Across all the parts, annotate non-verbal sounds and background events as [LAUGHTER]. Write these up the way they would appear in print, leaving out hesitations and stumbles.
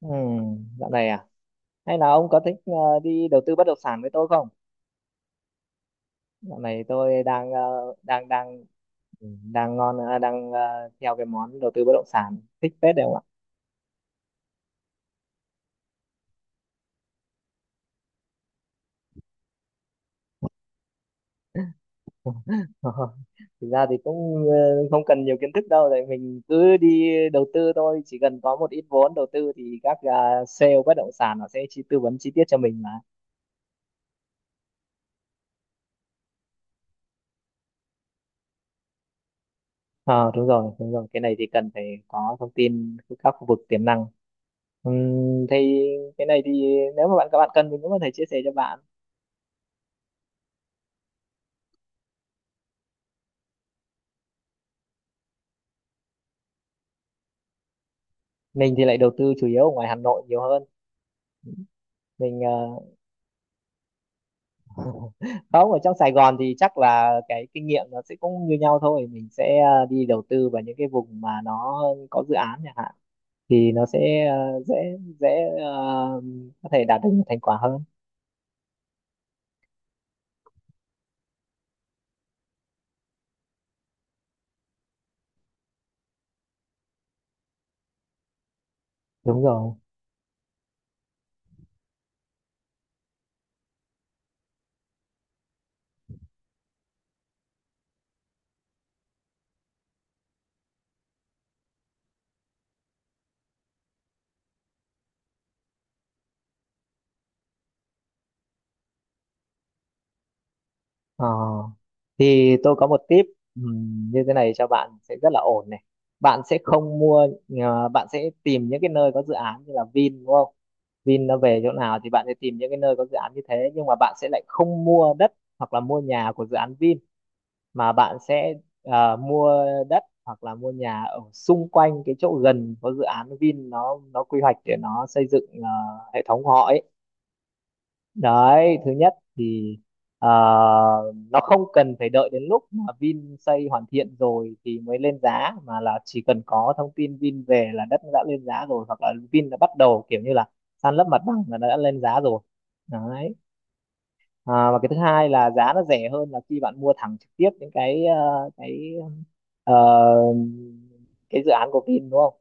Ừ, dạo này à? Hay là ông có thích đi đầu tư bất động sản với tôi không? Dạo này tôi đang đang ừ, đang ngon ờ, đang ờ, theo cái món đầu tư bất động sản thích phết đấy không ạ? [LAUGHS] Thực ra thì cũng không cần nhiều kiến thức đâu, tại mình cứ đi đầu tư thôi, chỉ cần có một ít vốn đầu tư thì các sale bất động sản nó sẽ chi tư vấn chi tiết cho mình mà. Ờ đúng rồi, cái này thì cần phải có thông tin các khu vực tiềm năng. Thì cái này thì nếu mà các bạn cần mình cũng có thể chia sẻ cho bạn. Mình thì lại đầu tư chủ yếu ở ngoài Hà Nội nhiều hơn. mình ờ, [LAUGHS] Không, ở trong Sài Gòn thì chắc là cái kinh nghiệm nó sẽ cũng như nhau thôi, mình sẽ đi đầu tư vào những cái vùng mà nó có dự án chẳng hạn, thì nó sẽ dễ, dễ ờ, có thể đạt được nhiều thành quả hơn. Đúng rồi, ờ, thì tôi có một tip, như thế này cho bạn sẽ rất là ổn này. Bạn sẽ không mua, bạn sẽ tìm những cái nơi có dự án như là Vin, đúng không? Vin nó về chỗ nào thì bạn sẽ tìm những cái nơi có dự án như thế, nhưng mà bạn sẽ lại không mua đất hoặc là mua nhà của dự án Vin, mà bạn sẽ mua đất hoặc là mua nhà ở xung quanh cái chỗ gần có dự án Vin nó quy hoạch để nó xây dựng hệ thống của họ ấy. Đấy, thứ nhất thì à, nó không cần phải đợi đến lúc mà Vin xây hoàn thiện rồi thì mới lên giá, mà là chỉ cần có thông tin Vin về là đất đã lên giá rồi, hoặc là Vin đã bắt đầu kiểu như là san lấp mặt bằng là đã lên giá rồi. Đấy, à, và cái thứ hai là giá nó rẻ hơn là khi bạn mua thẳng trực tiếp những ờ, cái dự án của Vin đúng không,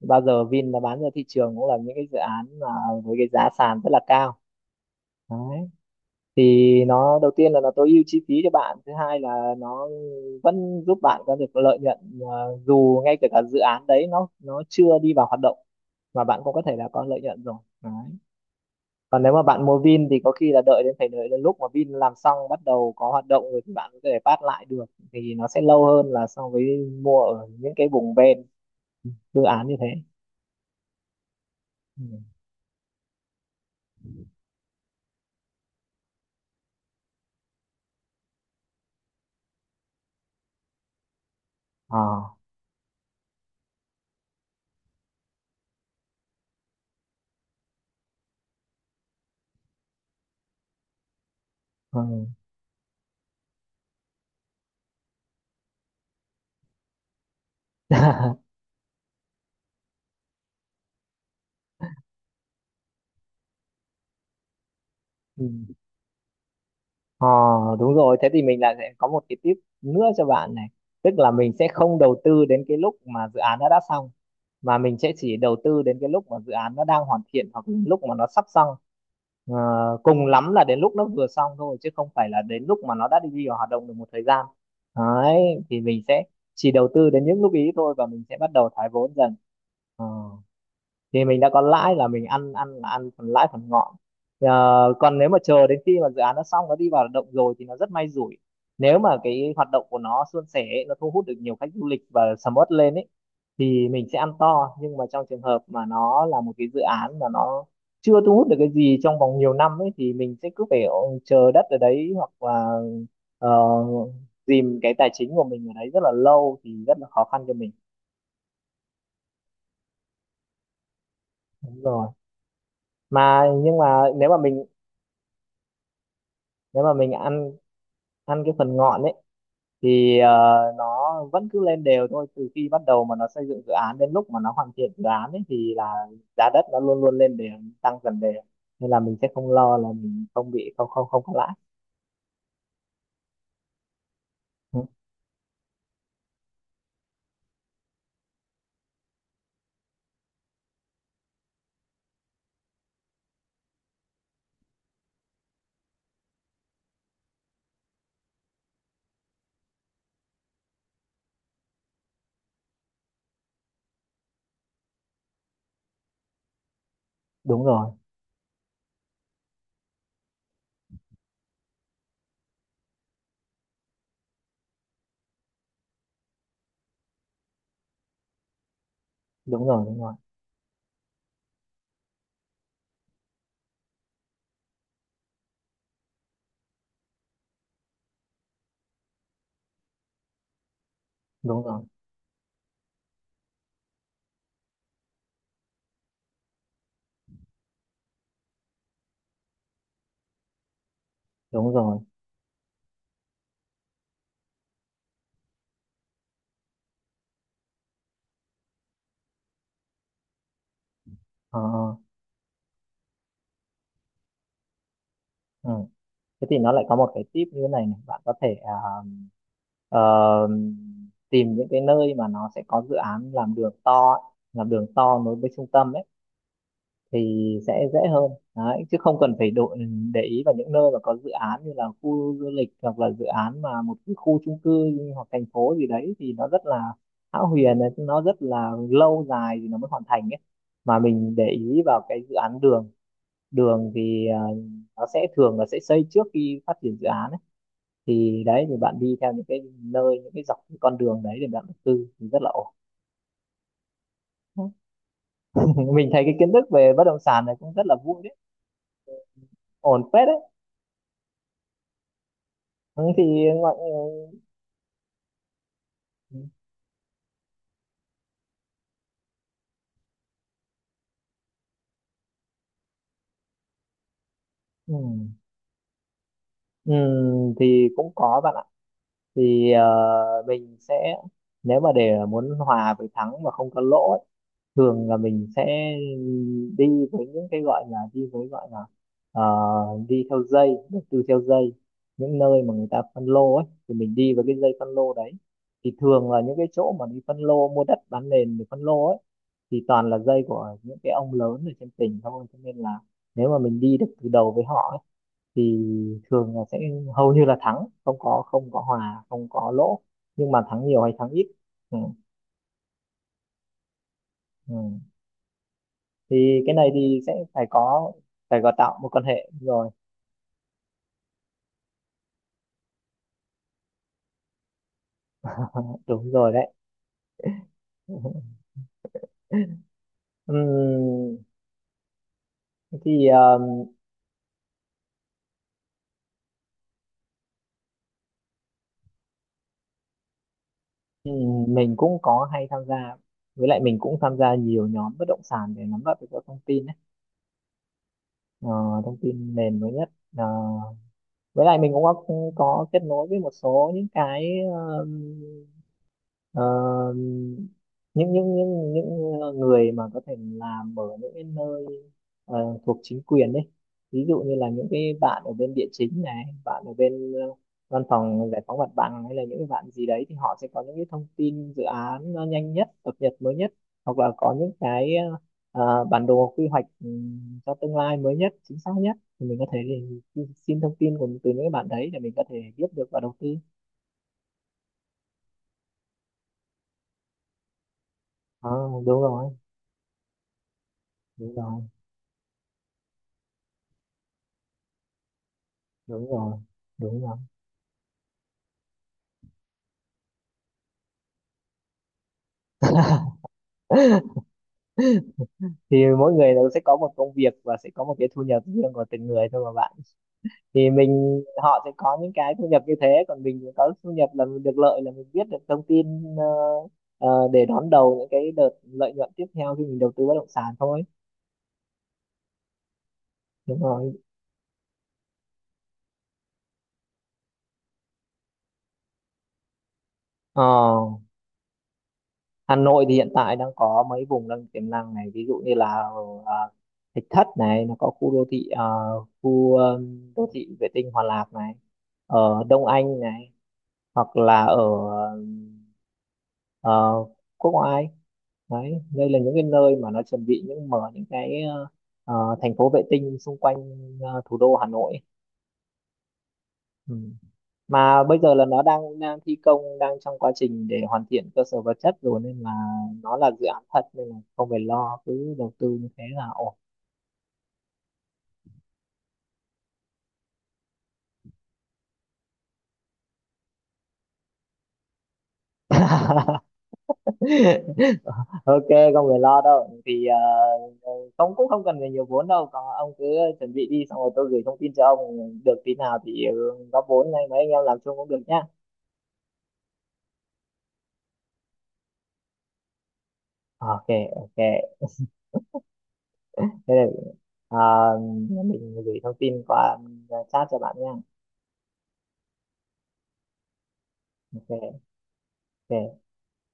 bao giờ Vin nó bán ra thị trường cũng là những cái dự án mà với cái giá sàn rất là cao. Đấy, thì nó đầu tiên là nó tối ưu chi phí cho bạn, thứ hai là nó vẫn giúp bạn có được lợi nhuận, dù ngay kể cả dự án đấy nó chưa đi vào hoạt động mà bạn cũng có thể là có lợi nhuận rồi. Đấy, còn nếu mà bạn mua Vin thì có khi là đợi đến phải đợi đến lúc mà Vin làm xong bắt đầu có hoạt động rồi thì bạn có thể phát lại được, thì nó sẽ lâu hơn là so với mua ở những cái vùng ven dự án như thế. Ừ. Ờ. Ừ. [LAUGHS] Ờ đúng rồi, thế thì mình lại sẽ có một cái tip nữa cho bạn này. Tức là mình sẽ không đầu tư đến cái lúc mà dự án nó đã xong, mà mình sẽ chỉ đầu tư đến cái lúc mà dự án nó đang hoàn thiện hoặc là lúc mà nó sắp xong. Ờ, cùng lắm là đến lúc nó vừa xong thôi, chứ không phải là đến lúc mà nó đã đi vào hoạt động được một thời gian. Đấy, thì mình sẽ chỉ đầu tư đến những lúc ý thôi và mình sẽ bắt đầu thoái vốn dần. Ờ, thì mình đã có lãi là mình ăn ăn là ăn phần lãi phần ngọn. Ờ, còn nếu mà chờ đến khi mà dự án nó xong, nó đi vào hoạt động rồi thì nó rất may rủi. Nếu mà cái hoạt động của nó suôn sẻ ấy, nó thu hút được nhiều khách du lịch và sầm uất lên ấy thì mình sẽ ăn to, nhưng mà trong trường hợp mà nó là một cái dự án mà nó chưa thu hút được cái gì trong vòng nhiều năm ấy thì mình sẽ cứ phải chờ đất ở đấy, hoặc là ờ, dìm cái tài chính của mình ở đấy rất là lâu thì rất là khó khăn cho mình. Đúng rồi, mà nhưng mà nếu mà mình nếu mà mình ăn ăn cái phần ngọn ấy thì ờ, nó vẫn cứ lên đều thôi, từ khi bắt đầu mà nó xây dựng dự án đến lúc mà nó hoàn thiện dự án ấy thì là giá đất nó luôn luôn lên đều, tăng dần đều, nên là mình sẽ không lo là mình không bị không không không có lãi. Ừ, đúng rồi, đúng rồi, đúng rồi, đúng rồi, đúng rồi. Ờ, ừ, thế thì nó lại có một cái tip như thế này này, bạn có thể ờ, tìm những cái nơi mà nó sẽ có dự án làm đường to ấy, làm đường to nối với trung tâm ấy thì sẽ dễ hơn đấy, chứ không cần phải độ để ý vào những nơi mà có dự án như là khu du lịch hoặc là dự án mà một cái khu chung cư hoặc thành phố gì đấy thì nó rất là hão huyền ấy, nó rất là lâu dài thì nó mới hoàn thành ấy. Mà mình để ý vào cái dự án đường, đường thì à, nó sẽ thường là sẽ xây trước khi phát triển dự án ấy, thì đấy thì bạn đi theo những cái nơi, những cái dọc cái con đường đấy để bạn đầu tư thì rất là ổn. [LAUGHS] Mình thấy cái kiến thức về bất động sản này cũng rất là vui đấy, ổn phết đấy. Ừ, thì ngoại. Ừ, Ừ, thì cũng có bạn ạ. Thì mình sẽ, nếu mà để muốn hòa với thắng mà không có lỗ ấy, thường là mình sẽ đi với những cái gọi là, đi với gọi là ờ, đi theo dây, đầu tư theo dây những nơi mà người ta phân lô ấy, thì mình đi với cái dây phân lô đấy. Thì thường là những cái chỗ mà đi phân lô mua đất bán nền để phân lô ấy thì toàn là dây của những cái ông lớn ở trên tỉnh thôi, cho nên là nếu mà mình đi được từ đầu với họ ấy, thì thường là sẽ hầu như là thắng, không có hòa, không có lỗ. Nhưng mà thắng nhiều hay thắng ít. Ừ. Ừ, thì cái này thì sẽ phải có, phải có tạo một quan hệ rồi. [LAUGHS] Đúng rồi đấy. [LAUGHS] Ừm, thì mình cũng có hay tham gia, với lại mình cũng tham gia nhiều nhóm bất động sản để nắm bắt được các thông tin ấy. Ờ, thông tin nền mới nhất. Ờ, với lại mình cũng có kết nối với một số những cái, ờ, những người mà có thể làm ở những cái nơi ờ, thuộc chính quyền đấy. Ví dụ như là những cái bạn ở bên địa chính này, bạn ở bên văn phòng giải phóng mặt bằng, hay là những cái bạn gì đấy, thì họ sẽ có những cái thông tin dự án nó nhanh nhất, cập nhật mới nhất, hoặc là có những cái bản đồ quy hoạch, cho tương lai mới nhất, chính xác nhất, thì mình có thể xin xin thông tin của, từ những cái bạn đấy để mình có thể biết được và đầu tư. Ờ, đúng rồi, đúng rồi, đúng rồi, đúng rồi. Thì mỗi người đều sẽ có một công việc và sẽ có một cái thu nhập riêng của từng người thôi mà bạn. Thì mình, họ sẽ có những cái thu nhập như thế, còn mình có thu nhập là mình được lợi là mình biết được thông tin, để đón đầu những cái đợt lợi nhuận tiếp theo khi mình đầu tư bất động sản thôi. Đúng rồi. Ờ, Hà Nội thì hiện tại đang có mấy vùng đang tiềm năng này, ví dụ như là ờ, Thạch Thất này, nó có khu đô thị, khu ờ, đô thị vệ tinh Hòa Lạc này, ở Đông Anh này, hoặc là ở ờ, quốc ngoại. Đấy, đây là những cái nơi mà nó chuẩn bị những mở những cái ờ, thành phố vệ tinh xung quanh ờ, thủ đô Hà Nội. Ừ, mà bây giờ là nó đang đang thi công, đang trong quá trình để hoàn thiện cơ sở vật chất rồi, nên là nó là dự án thật, nên là không phải lo, cứ đầu tư như thế là ổn. [LAUGHS] Ok, không phải lo đâu, thì ờ, ông cũng không cần phải nhiều vốn đâu, còn ông cứ chuẩn bị đi xong rồi tôi gửi thông tin cho ông. Được tí nào thì ừ, góp vốn này, mấy anh em làm chung cũng được nhá. À, ok, ok, thế là à, mình gửi thông tin qua, à, chat cho bạn nha. Ok, ok.